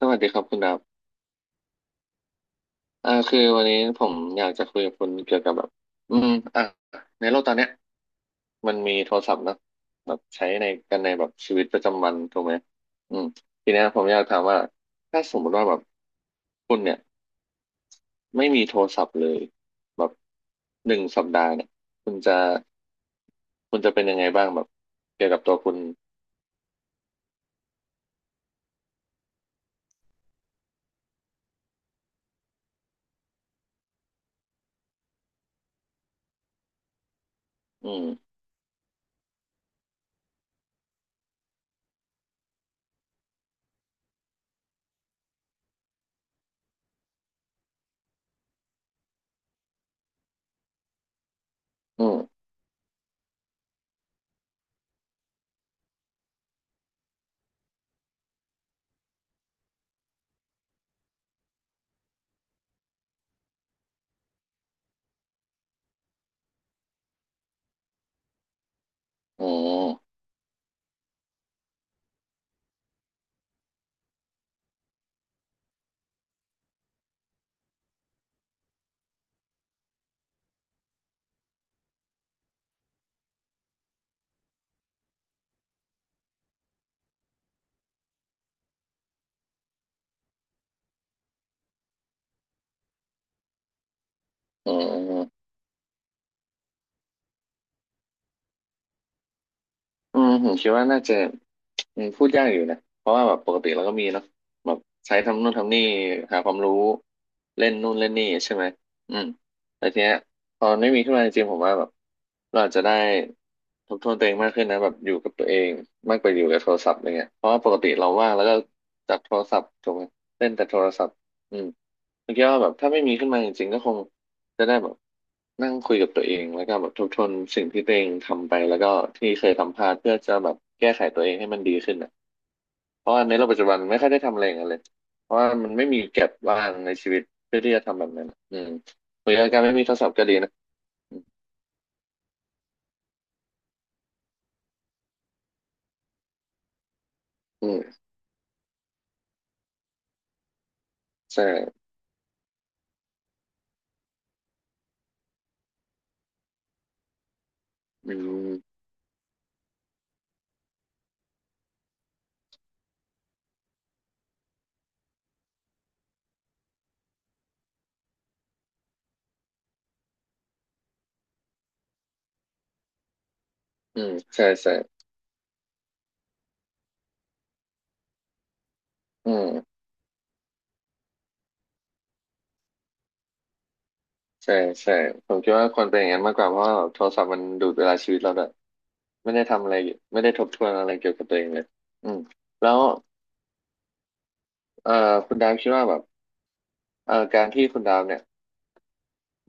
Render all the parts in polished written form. สวัสดีครับคุณดับคือวันนี้ผมอยากจะคุยกับคุณเกี่ยวกับแบบอืมอ่ะในโลกตอนเนี้ยมันมีโทรศัพท์เนอะแบบใช้ในแบบชีวิตประจำวันถูกไหมอืมทีเนี้ยผมอยากถามว่าถ้าสมมติว่าแบบคุณเนี่ยไม่มีโทรศัพท์เลยแบบหนึ่งสัปดาห์เนี่ยคุณจะคุณจะเป็นยังไงบ้างแบบเกี่ยวกับตัวคุณอืมอืมอืมอืม อืมผมคิดว่าน่าจะพูดยากอยู่นะเพราะว่าแบบปกติเราก็มีเนาะแบบใช้ทำนู่นทำนี่หาความรู้เล่นนู่นเล่นนี่ใช่ไหมอืมแต่ทีเนี้ยตอนไม่มีขึ้นมาจริงๆผมว่าแบบเราอาจจะได้ทบทวนตัวเองมากขึ้นนะแบบอยู่กับตัวเองมากกว่าอยู่กับโทรศัพท์อะไรเงี้ยเพราะว่าปกติเราว่างแล้วก็จับโทรศัพท์ถูกไหมเล่นแต่โทรศัพท์อืมผมคิดว่าแบบถ้าไม่มีขึ้นมาจริงๆก็คง จะได้แบบนั่งคุยกับตัวเองแล้วก็แบบทบทวนสิ่งที่ตัวเองทำไปแล้วก็ที่เคยทำพลาดเพื่อจะแบบแก้ไขตัวเองให้มันดีขึ้นอ่ะเพราะว่าในโลกปัจจุบันไม่ค่อยได้ทำอะไรอย่างนั้นเลยเพราะว่ามันไม่มีแก็บว่างในชีวิตเพื่อที่จะทำแบบนั้นอะอืมหรือการไม่มีโทรศัพท์ก็ดีนะอืมใช่อืมอืมใช่ใช่อืมใช่ใช่ผมคิดว่าควรเป็นอย่างนั้นมากกว่าเพราะว่าโทรศัพท์มันดูดเวลาชีวิตเราด้วยไม่ได้ทำอะไรไม่ได้ทบทวนอะไรเกี่ยวกับตัวเองเลยอืมแล้วเอ่อคุณดาวคิดว่าแบบ การที่คุณดาวเนี่ย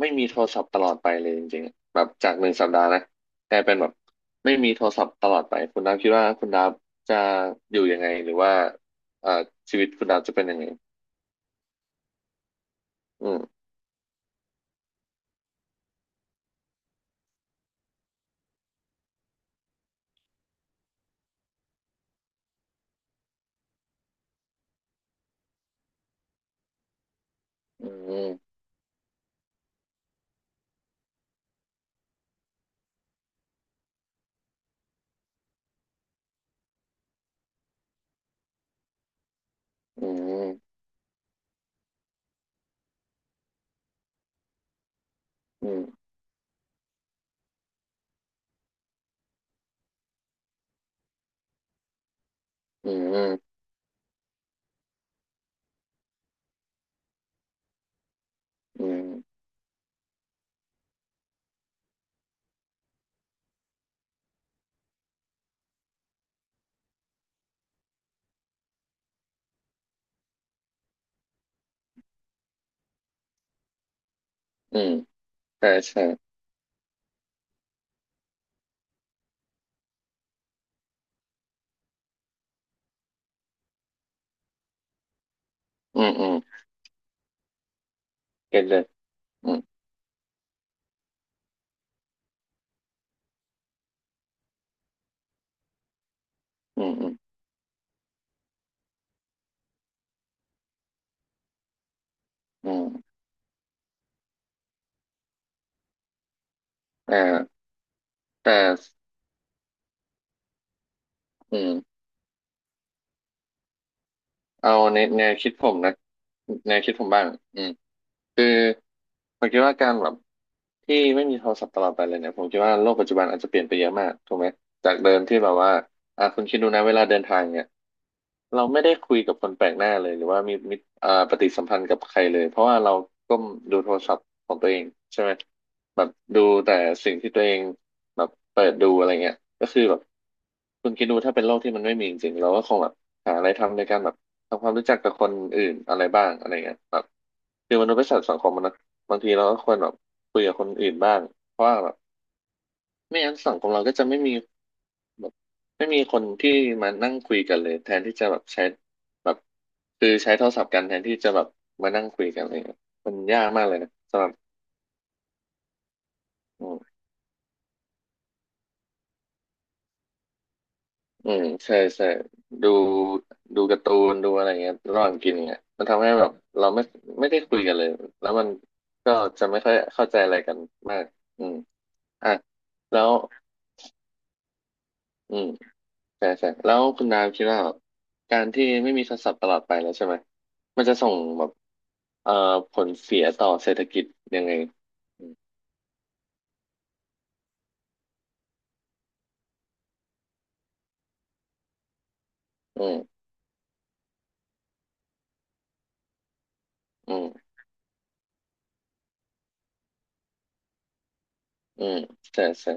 ไม่มีโทรศัพท์ตลอดไปเลยจริงๆอะแบบจากหนึ่งสัปดาห์นะกลายเป็นแบบไม่มีโทรศัพท์ตลอดไปคุณดาวคิดว่าคุณดาวจะอยู่ยังไงหรือว่าเอ่อชีวิตคุณดาวจะเป็นยังไงอืมอืมอืมอืมอืมอืมอืมใช่ใช่อืมอืมเก็ตเลยอืมอืมอืมอืมอ่าแต่อืมเอาในแนวคิดผมนะแนวคิดผมบ้างอืมคือผมคิดว่าการแบบ ที่ไม่มีโทรศัพท์ตลอดไปเลยเนี่ยผมคิดว่าโลกปัจจุบันอาจจะเปลี่ยนไปเยอะมากถูกไหมจากเดิมที่แบบว่าอ่ะคุณคิดดูนะเวลาเดินทางเนี่ยเราไม่ได้คุยกับคนแปลกหน้าเลยหรือว่ามีมิตรปฏิสัมพันธ์กับใครเลยเพราะว่าเราก้มดูโทรศัพท์ของตัวเองใช่ไหมแบบดูแต่สิ่งที่ตัวเองแบบเปิดดูอะไรเงี้ยก็คือแบบคุณคิดดูถ้าเป็นโลกที่มันไม่มีจริงๆเราก็คงแบบหาอะไรทำในการแบบทำความรู้จักกับคนอื่นอะไรบ้างอะไรเงี้ยแบบคือมนุษย์เป็นสัตว์สังคมนะ บางทีเราก็ควรแบบคุยกับคนอื่นบ้างเพราะว่าแบบไม่งั้นสังคมเราก็จะไม่มีแบบไม่มีคนที่มานั่งคุยกันเลยแทนที่จะแบบใช้แบบคือใช้โทรศัพท์กันแทนที่จะแบบมานั่งคุยกันอะไรเงี้ยมันยากมากเลยนะสำหรับอืมอืมใช่ใช่ดูดูการ์ตูนดูอะไรเงี้ยระหว่างกินเงี้ยมันทำให้แบบเราไม่ได้คุยกันเลยแล้วมันก็จะไม่ค่อยเข้าใจอะไรกันมากอืมอ่ะแล้วอืม ใช่ใช่แล้วคุณดาวคิดว่าแบบการที่ไม่มีโทรศัพท์ตลอดไปแล้วใช่ไหมมันจะส่งแบบเอ่อผลเสียต่อเศรษฐกิจยังไงอืมอืมอืมใช่ใช่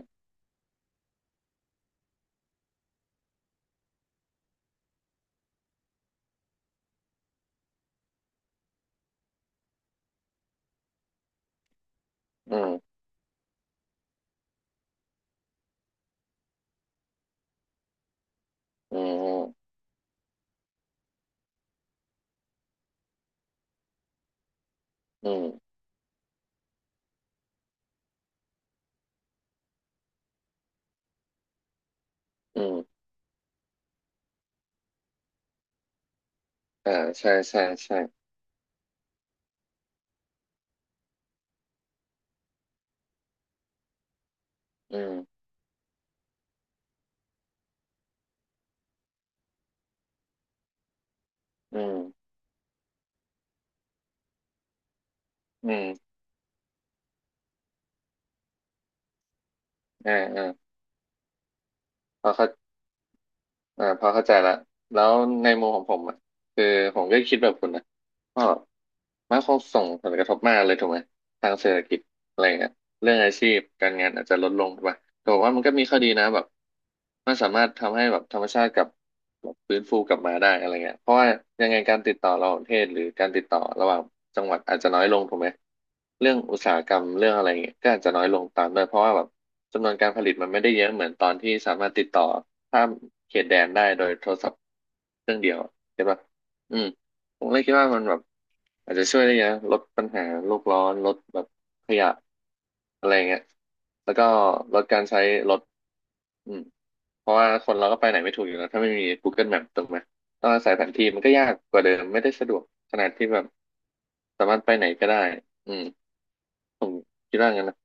อืมอืมอืมอืมอ่าใช่ใช่ใช่อืมอืมอืมอ่าอ่าพอเข้าอ่าพอเข้าใจละแล้วในมุมของผมอ่ะคือผมก็คิดแบบคุณนะก็มันคงส่งผลกระทบมากเลยถูกไหมทางเศรษฐกิจอะไรเงี้ย เรื่องอาชีพการงานอาจจะลดลงไปแต่ผมว่ามันก็มีข้อดีนะแบบมันสามารถทำให้แบบธรรมชาติกลับแบบฟื้นฟูกลับมาได้อะไรเงี้ยเพราะว่ายังไงการติดต่อระหว่างประเทศหรือการติดต่อระหว่างจังหวัดอาจจะน้อยลงถูกไหมเรื่องอุตสาหกรรมเรื่องอะไรเงี้ยก็อาจจะน้อยลงตามด้วยเพราะว่าแบบจำนวนการผลิตมันไม่ได้เยอะเหมือนตอนที่สามารถติดต่อข้ามเขตแดนได้โดยโทรศัพท์เครื่องเดียวใช่ปะอืม ผมเลยคิดว่ามันแบบอาจจะช่วยได้เยอะลดปัญหาโลกร้อนลดแบบขยะอะไรเงี้ยแล้วก็ลดการใช้รถอืมเพราะว่าคนเราก็ไปไหนไม่ถูกอยู่แล้วถ้าไม่มี Google Map ถูกไหมต้องอาศัยแผนที่มันก็ยากกว่าเดิมไม่ได้สะดวกขนาดที่แบบสามารถไปไหนก็ได้อืมผมคิดว่างั้นนะ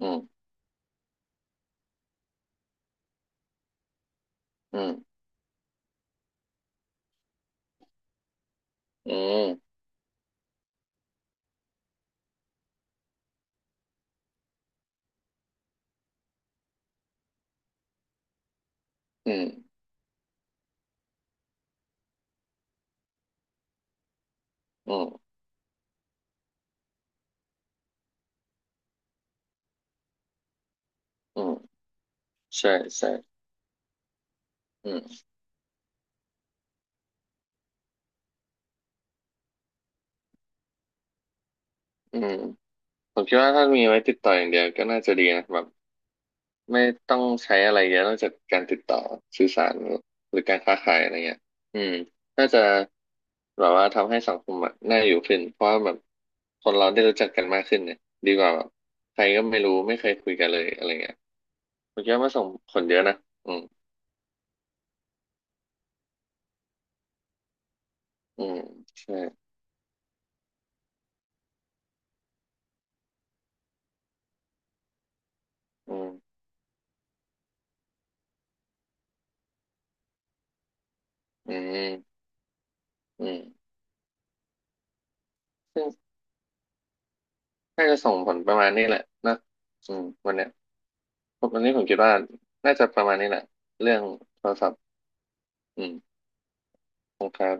อืมอืมอืมอืมอืมอืมใช่ใช่อืมอืมผมคิดว่าถ้ามีไว้ติดต่ออย่างเดียวก็น่าจะดีนะแบบ ไม่ต้องใช้อะไรเยอะนอกจากการติดต่อสื่อสารหรือการค้าขายอะไรเงี้ยอืมน่าจะแบบว่าทำให้สังคมอะน่าอยู่ขึ้นเพราะว่าแบบคนเราได้รู้จักกันมากขึ้นเนี่ยดีกว่าแบบใครก็ไม่รู้ไม่เคยคุยกันเลยอะไรเงี้ยผมคิดว่ามันส่งผลเยอะนะอืมอืมใช่อืมอืมอืมซึ่งน่าจะส่งผลประมาณนี้แหละนะอืมวันเนี้ยวันนี้ผมคิดว่าน่าจะประมาณนี้แหละเรื่องโทรศัพท์อืมขอบคงครับ